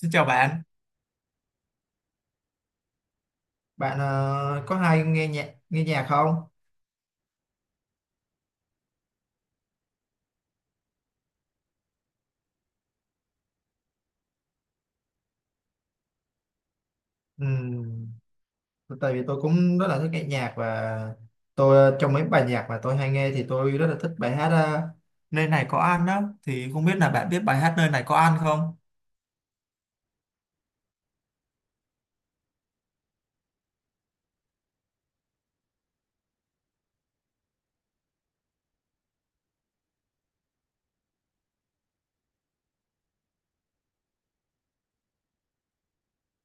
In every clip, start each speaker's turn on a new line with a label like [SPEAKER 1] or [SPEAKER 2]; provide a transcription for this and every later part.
[SPEAKER 1] Xin chào bạn. Bạn có hay nghe nhạc không? Ừm, tại vì tôi cũng rất là thích nghe nhạc, và tôi trong mấy bài nhạc mà tôi hay nghe thì tôi rất là thích bài hát nơi này có ăn đó, thì không biết là bạn biết bài hát nơi này có ăn không?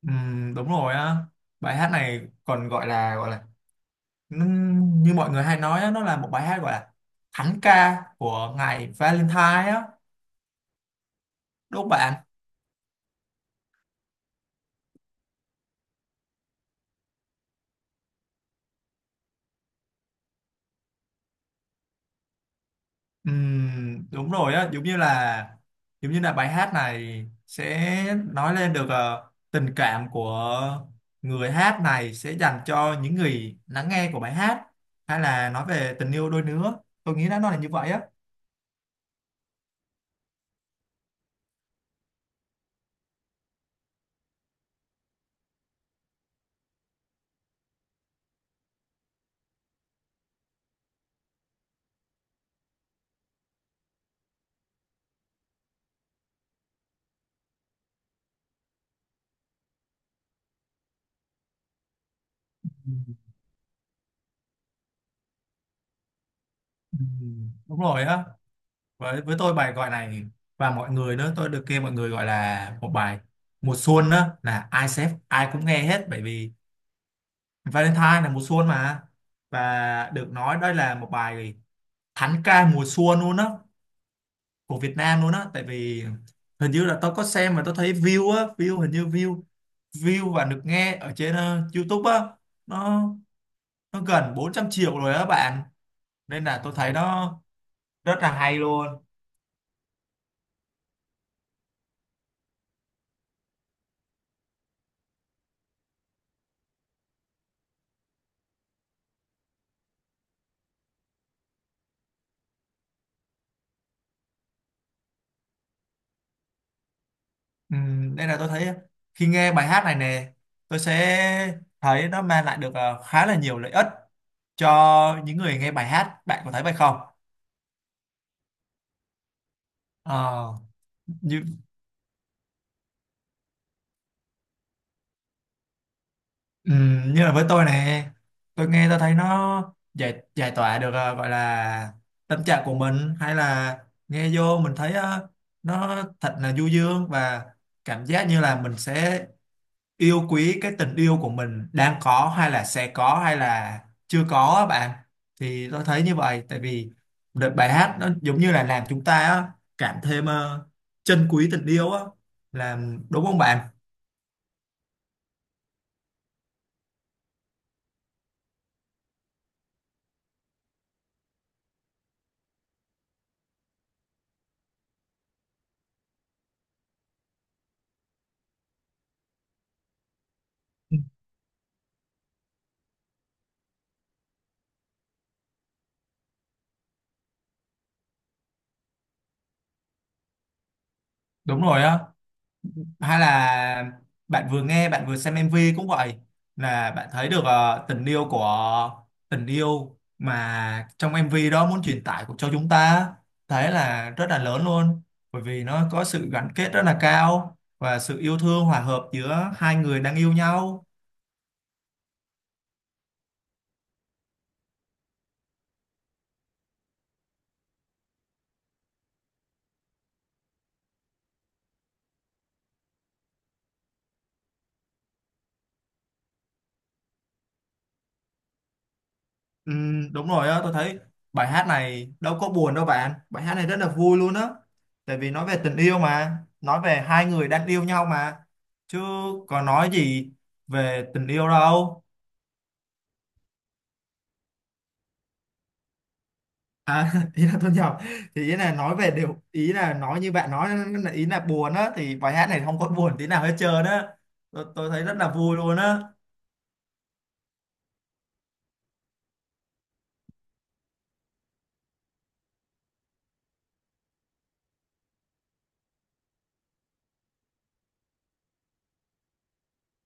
[SPEAKER 1] Đúng rồi á. Bài hát này còn nó- như mọi người hay nói á, nó là một bài hát gọi là thánh ca của ngày Valentine á. Đúng không bạn? Đúng rồi á, giống như là bài hát này sẽ nói lên được tình cảm của người hát này sẽ dành cho những người lắng nghe của bài hát, hay là nói về tình yêu đôi lứa. Tôi nghĩ là nó là như vậy á. Ừm, đúng rồi á, với tôi bài gọi này và mọi người nữa, tôi được nghe mọi người gọi là một bài mùa xuân á, là ai sẽ ai cũng nghe hết, bởi vì Valentine là mùa xuân mà. Và được nói đây là một bài thánh ca mùa xuân luôn á của Việt Nam luôn á. Tại vì hình như là tao có xem mà tao thấy view á, view hình như view view và được nghe ở trên YouTube á, nó nó gần 400 triệu rồi á bạn, nên là tôi thấy nó rất là hay luôn. Nên là tôi thấy khi nghe bài hát này nè, tôi sẽ thấy nó mang lại được khá là nhiều lợi ích cho những người nghe bài hát. Bạn có thấy vậy không? Ờ, như Ừ, như là với tôi nè, tôi nghe tôi thấy nó giải giải tỏa được gọi là tâm trạng của mình, hay là nghe vô mình thấy nó thật là du dương, và cảm giác như là mình sẽ yêu quý cái tình yêu của mình đang có, hay là sẽ có, hay là chưa có á bạn. Thì tôi thấy như vậy, tại vì đợt bài hát nó giống như là làm chúng ta á, cảm thêm trân quý tình yêu á, làm đúng không bạn? Ừ, đúng rồi á, hay là bạn vừa nghe bạn vừa xem MV cũng vậy, là bạn thấy được tình yêu của tình yêu mà trong MV đó muốn truyền tải của cho chúng ta thấy là rất là lớn luôn, bởi vì nó có sự gắn kết rất là cao và sự yêu thương hòa hợp giữa hai người đang yêu nhau. Ừ, đúng rồi á, tôi thấy bài hát này đâu có buồn đâu bạn. Bài hát này rất là vui luôn á. Tại vì nói về tình yêu mà, nói về hai người đang yêu nhau mà. Chứ có nói gì về tình yêu đâu. À, ý là tôi nhầm. Thì ý là nói về điều, ý là nói như bạn nói, là ý là buồn á, thì bài hát này không có buồn tí nào hết trơn á. Tôi thấy rất là vui luôn á.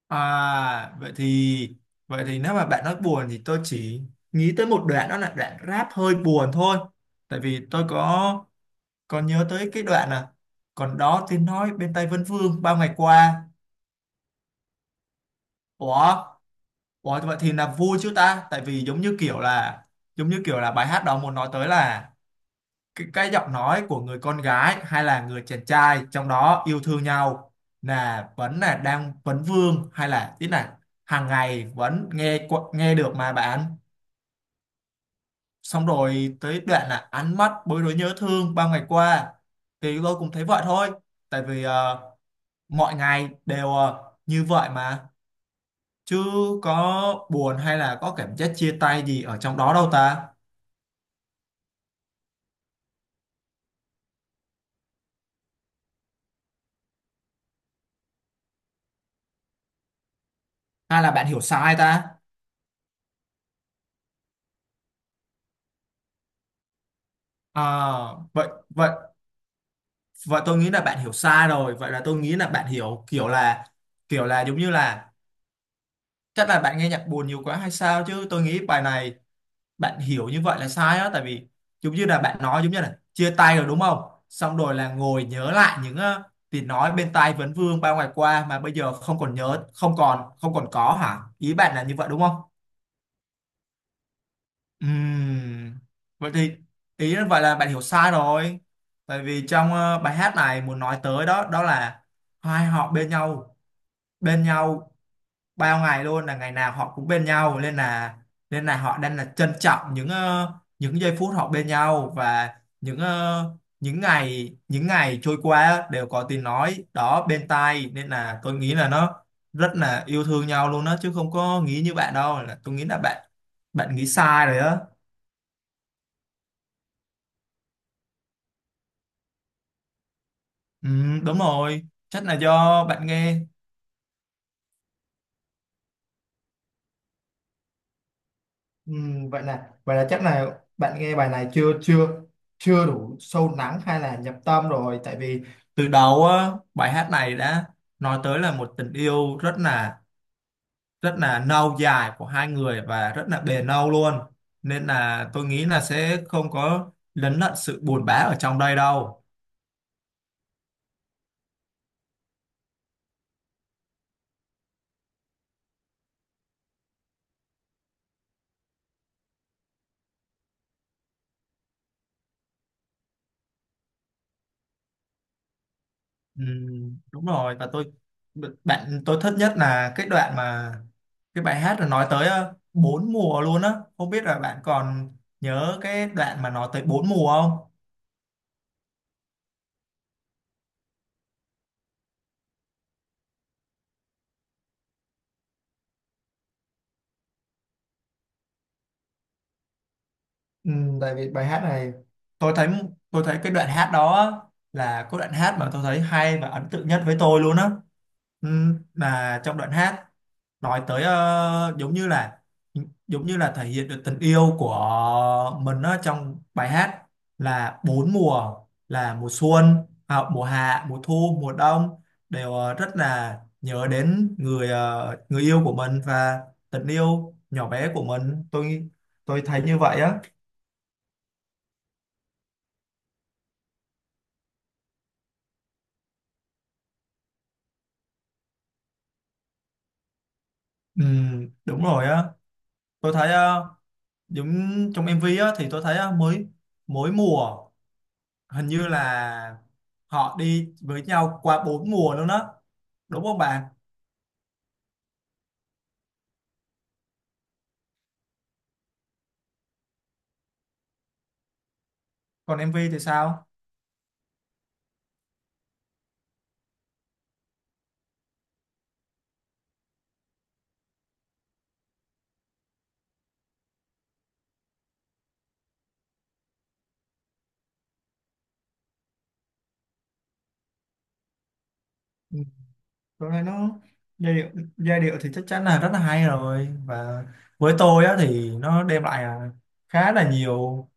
[SPEAKER 1] À vậy thì, vậy thì nếu mà bạn nói buồn thì tôi chỉ nghĩ tới một đoạn, đó là đoạn rap hơi buồn thôi. Tại vì tôi có nhớ tới cái đoạn là còn đó tiếng nói bên tai Vân Vương bao ngày qua. Ủa, ủa vậy thì là vui chứ ta? Tại vì giống như kiểu là, giống như kiểu là bài hát đó muốn nói tới là cái giọng nói của người con gái hay là người chàng trai trong đó yêu thương nhau, là vẫn là đang vấn vương, hay là tí là hàng ngày vẫn nghe được mà bạn. Xong rồi tới đoạn là ánh mắt bối rối nhớ thương bao ngày qua, thì tôi cũng thấy vậy thôi. Tại vì mọi ngày đều như vậy mà, chứ có buồn hay là có cảm giác chia tay gì ở trong đó đâu ta. Hay là bạn hiểu sai ta à? Vậy vậy và tôi nghĩ là bạn hiểu sai rồi, vậy là tôi nghĩ là bạn hiểu kiểu là, kiểu là giống như là chắc là bạn nghe nhạc buồn nhiều quá hay sao, chứ tôi nghĩ bài này bạn hiểu như vậy là sai á. Tại vì giống như là bạn nói giống như là chia tay rồi đúng không, xong rồi là ngồi nhớ lại những tiếng nói bên tai vấn vương bao ngày qua mà bây giờ không còn nhớ, không còn có, hả? Ý bạn là như vậy đúng không? Ừm, vậy thì ý là, vậy là bạn hiểu sai rồi. Tại vì trong bài hát này muốn nói tới đó, đó là hai họ bên nhau, bên nhau bao ngày luôn, là ngày nào họ cũng bên nhau, nên là họ đang là trân trọng những những giây phút họ bên nhau, và những những ngày trôi qua đều có tiếng nói đó bên tai, nên là tôi nghĩ là nó rất là yêu thương nhau luôn đó, chứ không có nghĩ như bạn đâu, là tôi nghĩ là bạn bạn nghĩ sai rồi đó. Ừ, đúng rồi, chắc là do bạn nghe. Vậy là, vậy là chắc là bạn nghe bài này chưa chưa chưa đủ sâu lắng hay là nhập tâm rồi. Tại vì từ đầu á bài hát này đã nói tới là một tình yêu rất là, rất là lâu dài của hai người và rất là bền lâu luôn, nên là tôi nghĩ là sẽ không có lấn lận sự buồn bã ở trong đây đâu. Ừ, đúng rồi, và tôi, bạn tôi thích nhất là cái đoạn mà, cái bài hát là nói tới bốn mùa luôn á. Không biết là bạn còn nhớ cái đoạn mà nói tới bốn mùa không? Ừ, tại vì bài hát này tôi thấy tôi thấy cái đoạn hát đó á, là có đoạn hát mà tôi thấy hay và ấn tượng nhất với tôi luôn á. ừ, là trong đoạn hát nói tới giống như là thể hiện được tình yêu của mình á trong bài hát là bốn mùa, là mùa xuân mùa hạ mùa thu mùa đông đều rất là nhớ đến người người yêu của mình và tình yêu nhỏ bé của mình. Tôi thấy như vậy á. Ừ, đúng rồi á, tôi thấy giống trong MV á thì tôi thấy á, mới mỗi mùa hình như là họ đi với nhau qua bốn mùa luôn á, đúng không bạn? Còn MV thì sao? Ừ, tôi thấy nó giai điệu, giai điệu thì chắc chắn là rất là hay rồi, và với tôi á thì nó đem lại khá là nhiều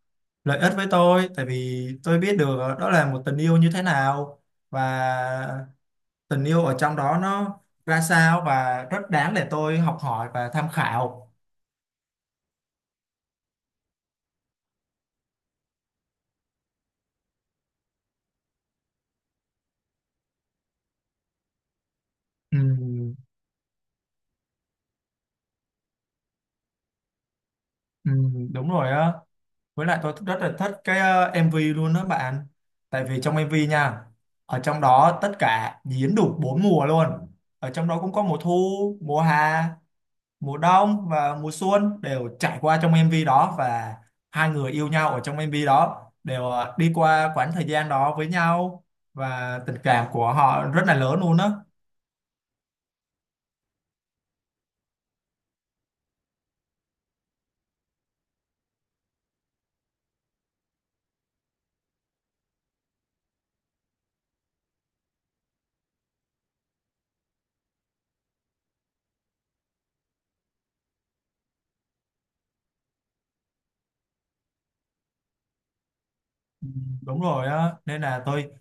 [SPEAKER 1] lợi ích với tôi. Tại vì tôi biết được đó là một tình yêu như thế nào, và tình yêu ở trong đó nó ra sao, và rất đáng để tôi học hỏi và tham khảo. Ừ, ừ, đúng rồi á, với lại tôi rất là thích cái MV luôn đó bạn. Tại vì trong MV nha, ở trong đó tất cả diễn đủ bốn mùa luôn, ở trong đó cũng có mùa thu, mùa hè, mùa đông và mùa xuân đều trải qua trong MV đó, và hai người yêu nhau ở trong MV đó đều đi qua quãng thời gian đó với nhau, và tình cảm của họ rất là lớn luôn á. Đúng rồi á, nên là tôi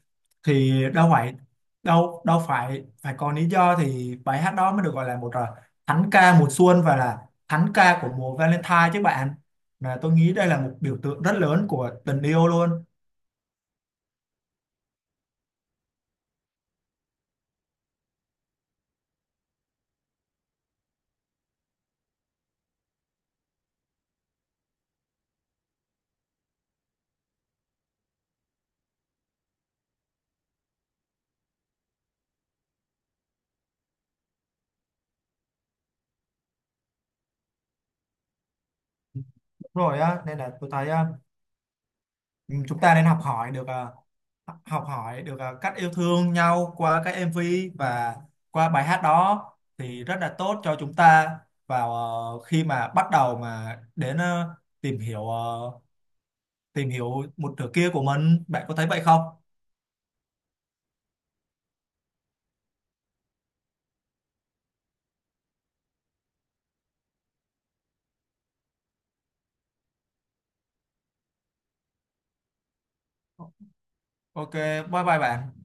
[SPEAKER 1] thì đâu phải, đâu đâu phải phải có lý do thì bài hát đó mới được gọi là một thánh ca mùa xuân và là thánh ca của mùa Valentine chứ bạn. Mà tôi nghĩ đây là một biểu tượng rất lớn của tình yêu luôn. Đúng rồi á, nên là tôi thấy ừ, chúng ta nên học hỏi được cách yêu thương nhau qua các MV và qua bài hát đó, thì rất là tốt cho chúng ta vào khi mà bắt đầu mà đến tìm hiểu ờ, tìm hiểu một nửa kia của mình. Bạn có thấy vậy không? Ok, bye bye bạn.